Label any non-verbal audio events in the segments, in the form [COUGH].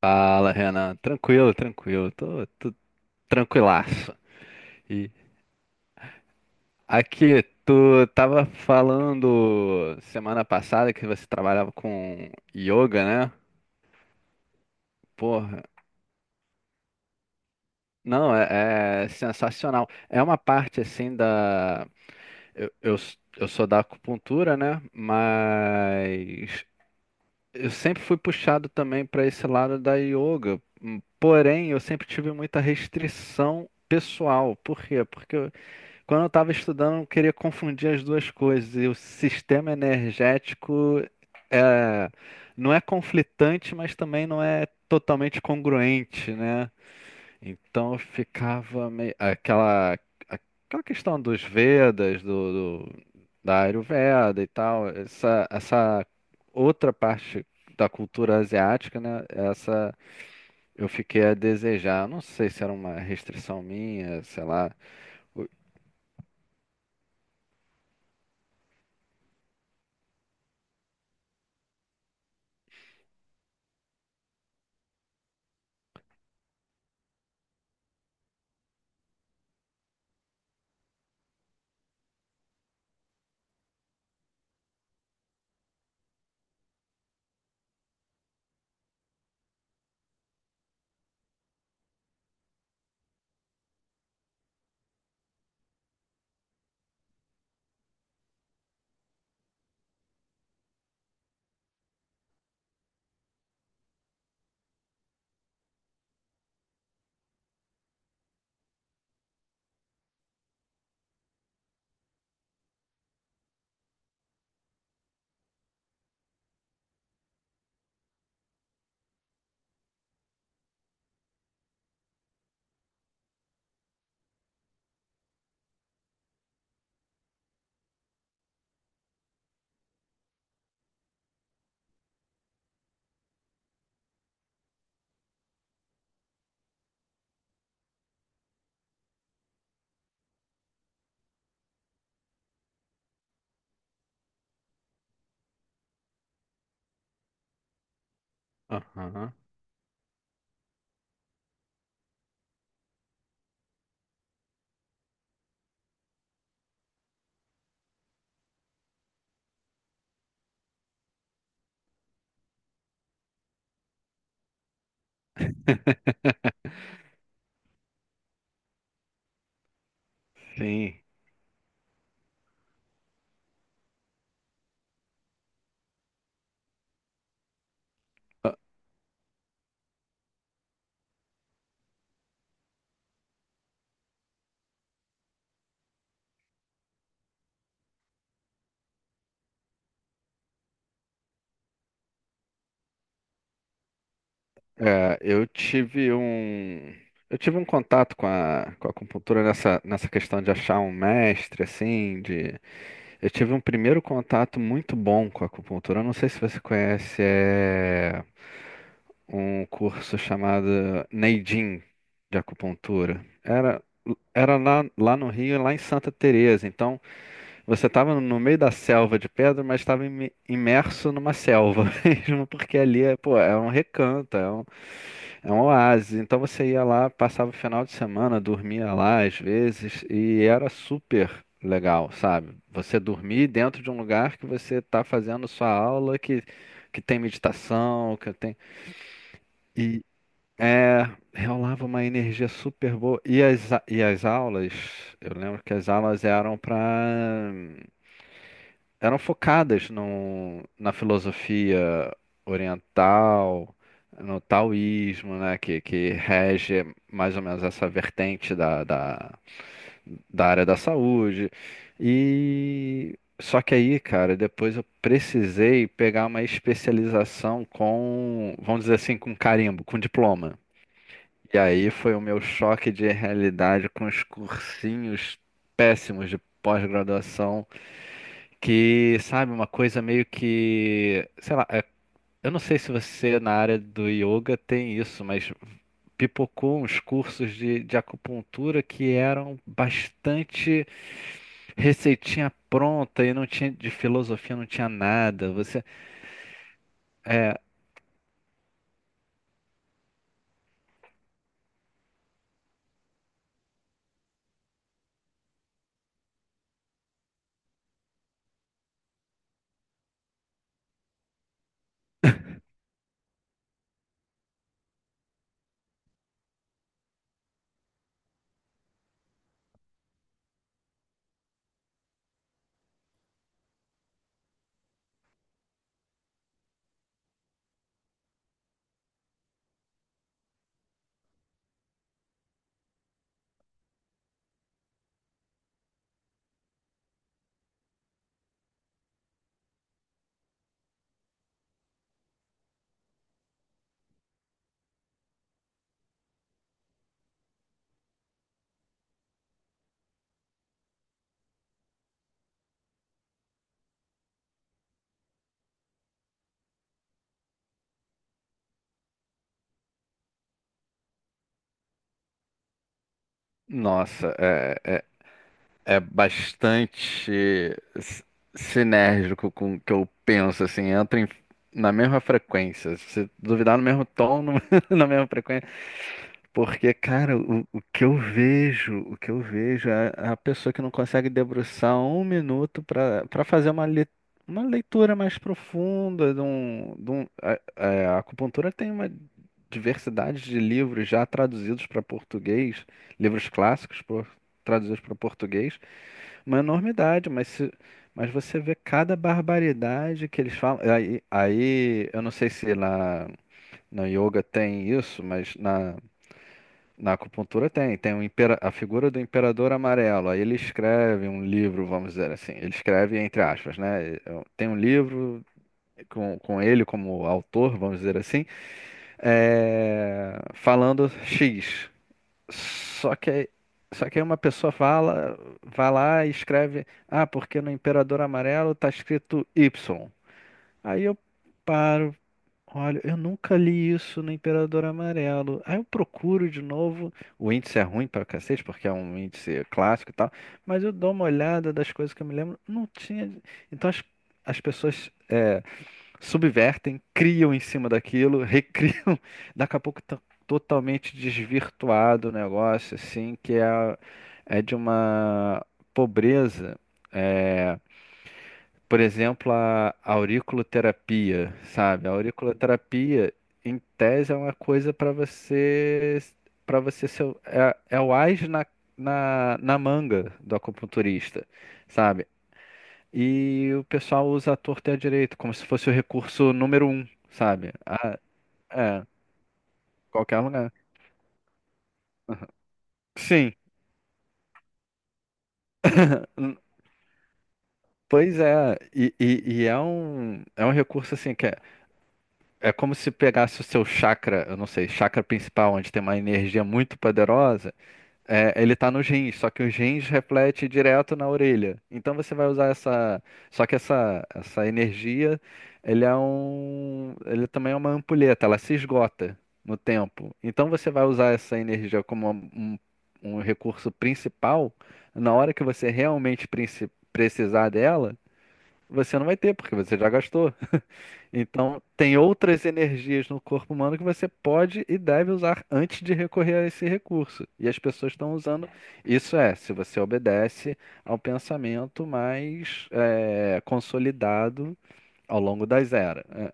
Fala, Renan. Tranquilo, tranquilo. Tô tranquilaço. E aqui, tu tava falando semana passada que você trabalhava com yoga, né? Porra, não, é sensacional. É uma parte assim da. Eu, eu, eu sou da acupuntura, né? Mas eu sempre fui puxado também para esse lado da yoga. Porém, eu sempre tive muita restrição pessoal. Por quê? Porque quando eu estava estudando, eu queria confundir as duas coisas. E o sistema energético é, não é conflitante, mas também não é totalmente congruente, né? Então eu ficava meio aquela questão dos Vedas, da Ayurveda e tal, essa outra parte da cultura asiática, né? Essa eu fiquei a desejar. Não sei se era uma restrição minha, sei lá. O- Aham. [LAUGHS] Sim. É, eu tive um contato com a acupuntura nessa questão de achar um mestre assim de eu tive um primeiro contato muito bom com a acupuntura. Eu não sei se você conhece, é um curso chamado Neijin de acupuntura. Era lá no Rio, lá em Santa Teresa. Então, você estava no meio da selva de pedra, mas estava imerso numa selva [LAUGHS] mesmo, porque ali pô, é um recanto, é um oásis. Então você ia lá, passava o final de semana, dormia lá às vezes, e era super legal, sabe? Você dormir dentro de um lugar que você está fazendo sua aula, que tem meditação, que tem. E é, rolava uma energia super boa. E as aulas, eu lembro que as aulas eram para eram focadas na filosofia oriental, no taoísmo, né, que rege mais ou menos essa vertente da área da saúde. E só que aí, cara, depois eu precisei pegar uma especialização com, vamos dizer assim, com carimbo, com diploma. E aí foi o meu choque de realidade com os cursinhos péssimos de pós-graduação que, sabe, uma coisa meio que, sei lá, eu não sei se você na área do yoga tem isso, mas pipocou uns cursos de acupuntura que eram bastante receitinha pronta e não tinha de filosofia, não tinha nada. É, nossa, é bastante s- sinérgico com o que eu penso, assim, entra na mesma frequência. Se duvidar no mesmo tom, [LAUGHS] na mesma frequência. Porque, cara, o que eu vejo, o que eu vejo é a pessoa que não consegue debruçar um minuto para fazer uma leitura mais profunda. De um, de um- a, a acupuntura tem uma diversidade de livros já traduzidos para português, livros clássicos traduzidos para português, uma enormidade, mas se, mas você vê cada barbaridade que eles falam. Aí eu não sei se na yoga tem isso, mas na acupuntura tem a figura do imperador amarelo. Aí ele escreve um livro, vamos dizer assim. Ele escreve entre aspas, né? Tem um livro com ele como autor, vamos dizer assim, falando X. Só que, só que aí uma pessoa fala, vai lá e escreve, ah, porque no imperador amarelo tá escrito Y. Aí eu paro. Olha, eu nunca li isso no Imperador Amarelo. Aí eu procuro de novo. O índice é ruim pra cacete, porque é um índice clássico e tal. Mas eu dou uma olhada das coisas que eu me lembro. Não tinha. Então as pessoas subvertem, criam em cima daquilo, [LAUGHS] recriam. Daqui a pouco tá totalmente desvirtuado o negócio, assim, que é de uma pobreza. é, por exemplo, a auriculoterapia, sabe? A auriculoterapia, em tese, é uma coisa para você ser, é o ás na manga do acupunturista, sabe? E o pessoal usa a torta e a direita, como se fosse o recurso número um, sabe? Ah, é, qualquer lugar. Sim, n- pois é, e é um recurso assim que é. É como se pegasse o seu chakra, eu não sei, chakra principal, onde tem uma energia muito poderosa, ele tá nos rins, só que os rins reflete direto na orelha. Então você vai usar essa. Só que essa energia, ele também é uma ampulheta, ela se esgota no tempo. Então você vai usar essa energia como um recurso principal, na hora que você realmente precisar dela, você não vai ter, porque você já gastou. Então, tem outras energias no corpo humano que você pode e deve usar antes de recorrer a esse recurso. E as pessoas estão usando. Isso é, se você obedece ao pensamento mais consolidado ao longo das eras. É,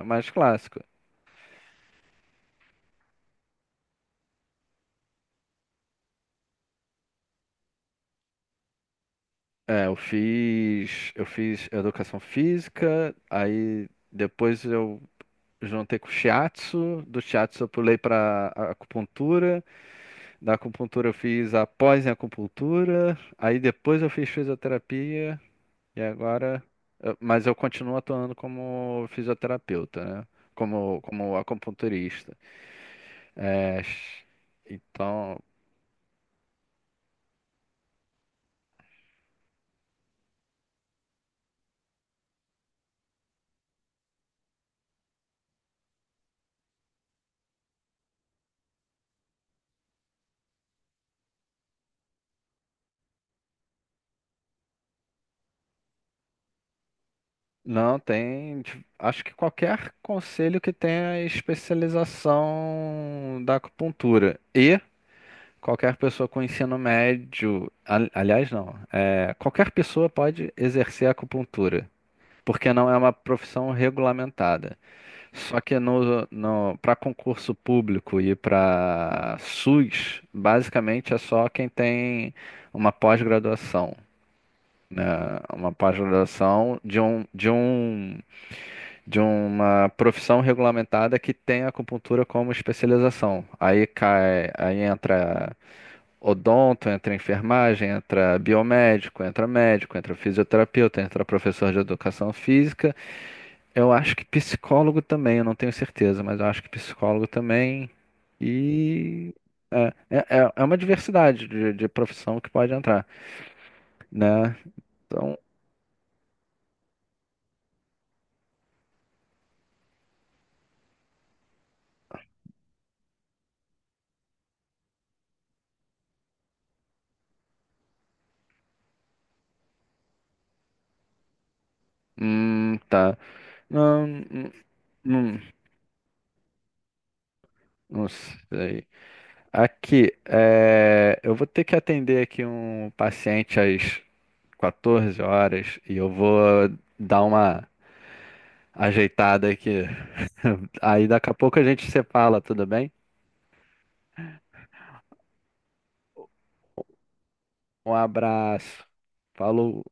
é, mais clássico. É, eu fiz educação física, aí depois eu juntei com o shiatsu, do shiatsu eu pulei para acupuntura. Da acupuntura eu fiz a em acupuntura, aí depois eu fiz fisioterapia e agora, mas eu continuo atuando como fisioterapeuta, né? Como acupunturista. É, então, não tem, tipo, acho que qualquer conselho que tenha é especialização da acupuntura e qualquer pessoa com ensino médio, aliás, não, qualquer pessoa pode exercer acupuntura, porque não é uma profissão regulamentada. Só que no, no, para concurso público e para SUS, basicamente é só quem tem uma pós-graduação. Né, uma pós-graduação de uma profissão regulamentada que tem acupuntura como especialização. Aí cai, aí entra odonto, entra enfermagem, entra biomédico, entra médico, entra fisioterapeuta, entra professor de educação física. Eu acho que psicólogo também, eu não tenho certeza, mas eu acho que psicólogo também. E é, é, é uma diversidade de profissão que pode entrar, né? Então, tá. Não, hum, não sei. Aqui, eu vou ter que atender aqui um paciente às 14 horas e eu vou dar uma ajeitada aqui. [LAUGHS] Aí daqui a pouco a gente se fala, tudo bem? Um abraço. Falou.